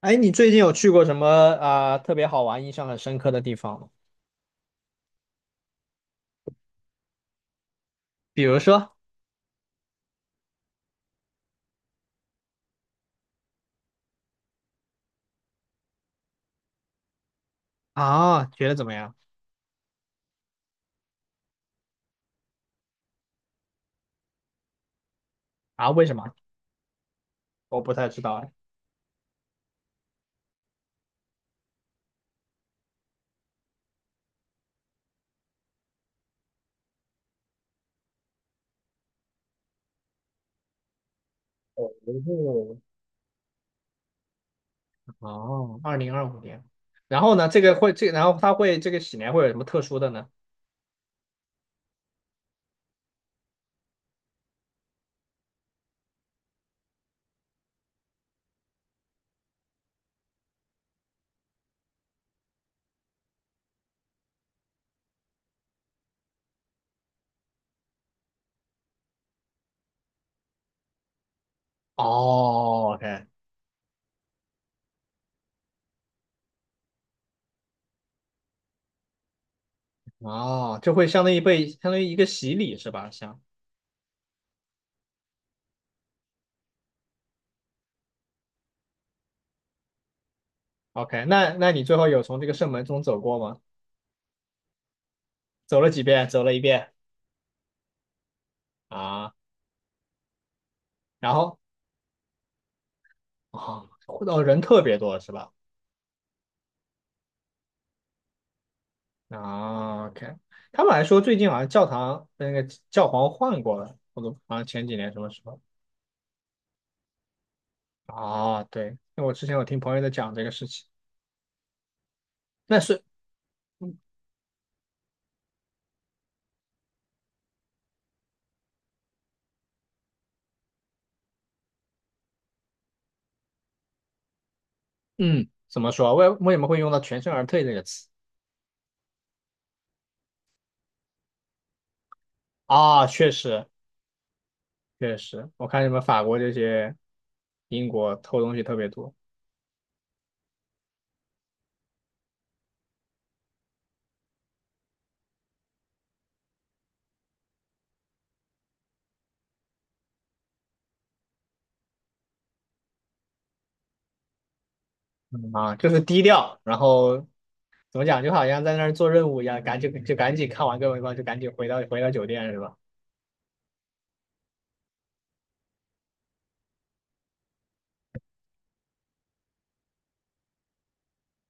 哎，你最近有去过什么啊、特别好玩、印象很深刻的地方吗？比如说啊，觉得怎么样啊？为什么？我不太知道哎。哦，哦2025年，然后呢？这个会这个，然后它会这个喜年会有什么特殊的呢？哦，OK，哦，就会相当于一个洗礼是吧？像 OK，那你最后有从这个圣门中走过吗？走了几遍？走了一遍啊，然后哦，哦，人特别多是吧？啊，OK，他们还说最近好像教堂那个教皇换过了，我都好像前几年什么时候？啊，对，那我之前听朋友在讲这个事情，但是，嗯。嗯怎么说？为什么会用到全身而退这个词？啊，确实确实，我看你们法国这些英国偷东西特别多，嗯啊，就是低调，然后怎么讲，就好像在那儿做任务一样，赶紧就赶紧看完各位吧，就赶紧回到酒店是吧？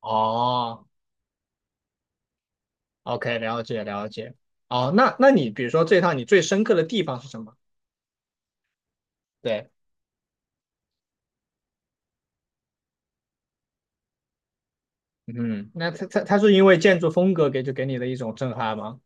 哦，OK，了解了解。哦，那你比如说这趟你最深刻的地方是什么？对，嗯，那它是因为建筑风格给你的一种震撼吗？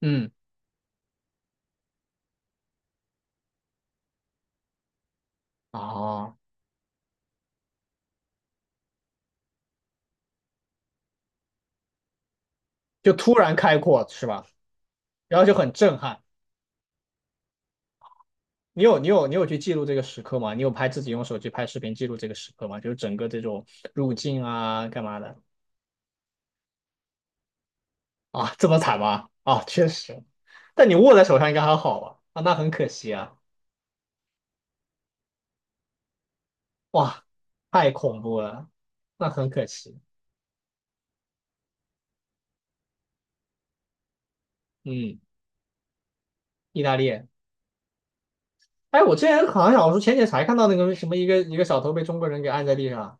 嗯，哦，就突然开阔是吧？然后就很震撼。你有去记录这个时刻吗？你有拍自己用手机拍视频记录这个时刻吗？就是整个这种入境啊，干嘛的啊？这么惨吗？啊，确实。但你握在手上应该还好吧？啊，那很可惜啊。哇，太恐怖了，那很可惜。嗯。意大利。哎，我之前好像我说前几天才看到那个什么一个小偷被中国人给按在地上。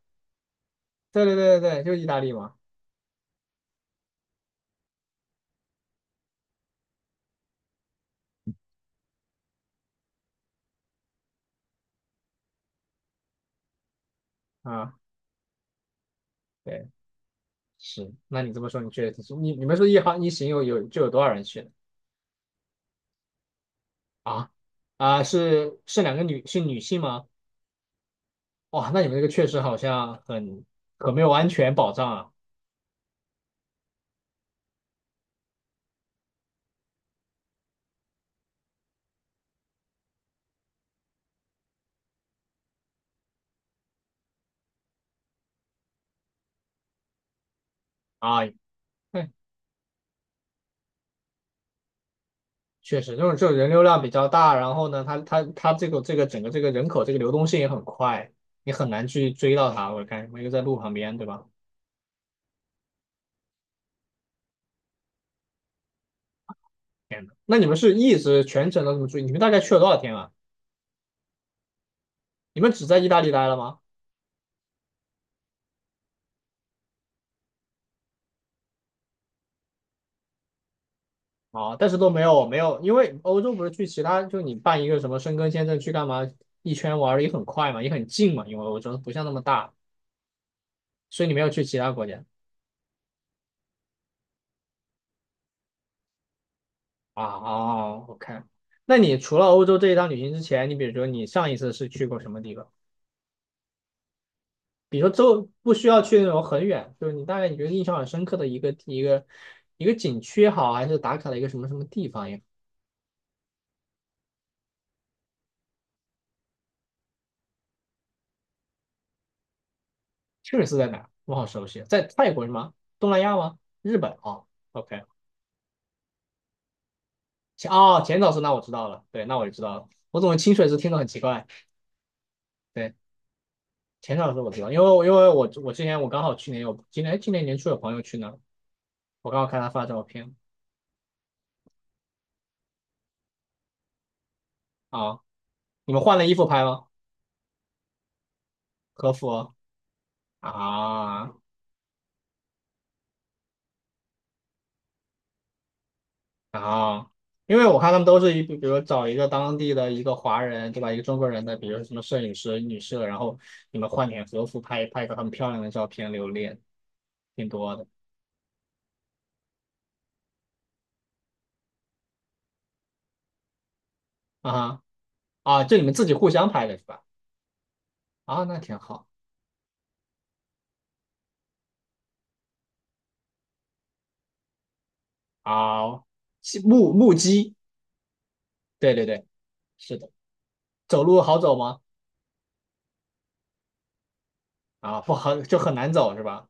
对对对对对，就是意大利嘛。啊，对，是。那你这么说，你确实你们说一行有多少人去呢？啊啊，是两个女性吗？哇，那你们这个确实好像很没有安全保障啊啊！哎，确实，这种人流量比较大，然后呢，它这个整个这个人口这个流动性也很快，你很难去追到它。我看我一个在路旁边，对吧？天呐，那你们是一直全程都这么注意？你们大概去了多少天啊？你们只在意大利待了吗？啊，但是都没有没有，因为欧洲不是去其他，就你办一个什么申根签证去干嘛？一圈玩儿也很快嘛，也很近嘛，因为欧洲不像那么大，所以你没有去其他国家啊。哦，OK，那你除了欧洲这一趟旅行之前，你比如说你上一次是去过什么地方？比如说周不需要去那种很远，就是你大概你觉得印象很深刻的一个景区也好，还是打卡的一个什么什么地方也好。清水寺在哪儿我好熟悉啊，在泰国是吗？东南亚吗？日本啊 O K， 哦，浅草寺那我知道了，对，那我就知道了。我怎么清水寺听着很奇怪？对，浅草寺我知道，因为之前我刚好去年有今年年初有朋友去那儿我刚好看他发照片啊、你们换了衣服拍吗？和服哦啊。啊，因为我看他们都是比如找一个当地的一个华人，对吧？一个中国人的，比如什么摄影师、女摄，然后你们换点和服拍拍一个很漂亮的照片留念，挺多的啊啊，就你们自己互相拍的是吧？啊，那挺好。好，西目木屐，对对对，是的。走路好走吗？啊，不好，就很难走是吧？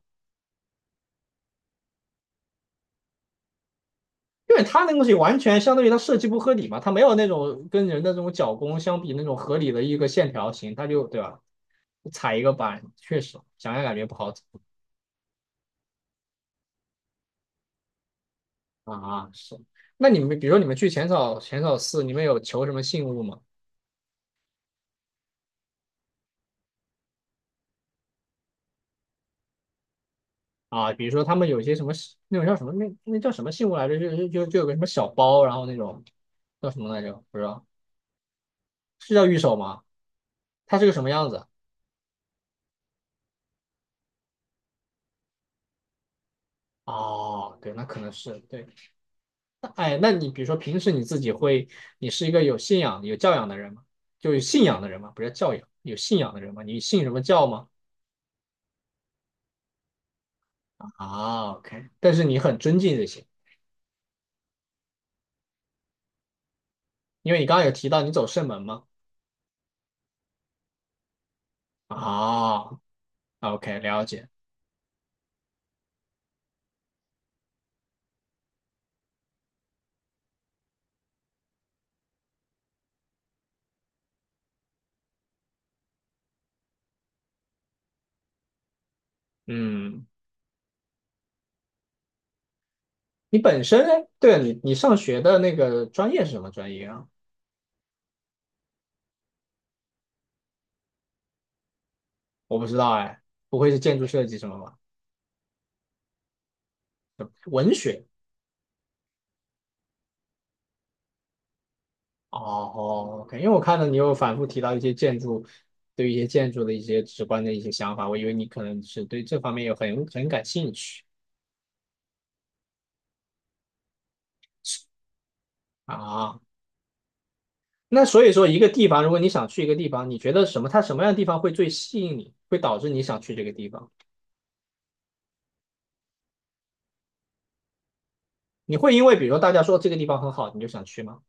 因为它那个东西完全相当于它设计不合理嘛，它没有那种跟人的这种脚弓相比那种合理的一个线条型，它就对吧？踩一个板，确实想想感觉不好走啊。是，那你们比如说你们去浅草寺，你们有求什么信物吗？啊，比如说他们有些什么那种叫什么那叫什么信物来着？就有个什么小包，然后那种叫什么来着？不知道是叫玉手吗？它是个什么样子？哦，对，那可能是对。那哎，那你比如说平时你自己会，你是一个有信仰、有教养的人吗？就有信仰的人吗？不是教养，有信仰的人吗？你信什么教吗？啊，OK，但是你很尊敬这些。因为你刚刚有提到你走射门吗？啊，OK，了解。嗯，你本身哎，对了，你上学的那个专业是什么专业啊？我不知道哎，不会是建筑设计什么吧？文学。哦哦，OK，因为我看到你又反复提到一些建筑，对一些建筑的一些直观的一些想法，我以为你可能是对这方面有很感兴趣啊。那所以说，一个地方，如果你想去一个地方，你觉得什么，它什么样的地方会最吸引你，会导致你想去这个地方？你会因为比如说大家说这个地方很好，你就想去吗？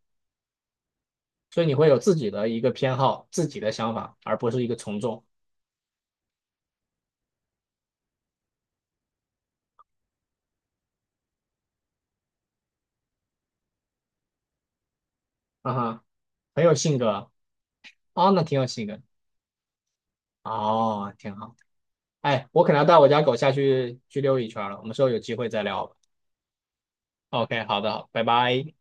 所以你会有自己的一个偏好、自己的想法，而不是一个从众。啊哈，很有性格啊，那挺有性格哦，挺好。哎，我可能要带我家狗下去溜一圈了，我们之后有机会再聊吧。OK，好的，好，拜拜。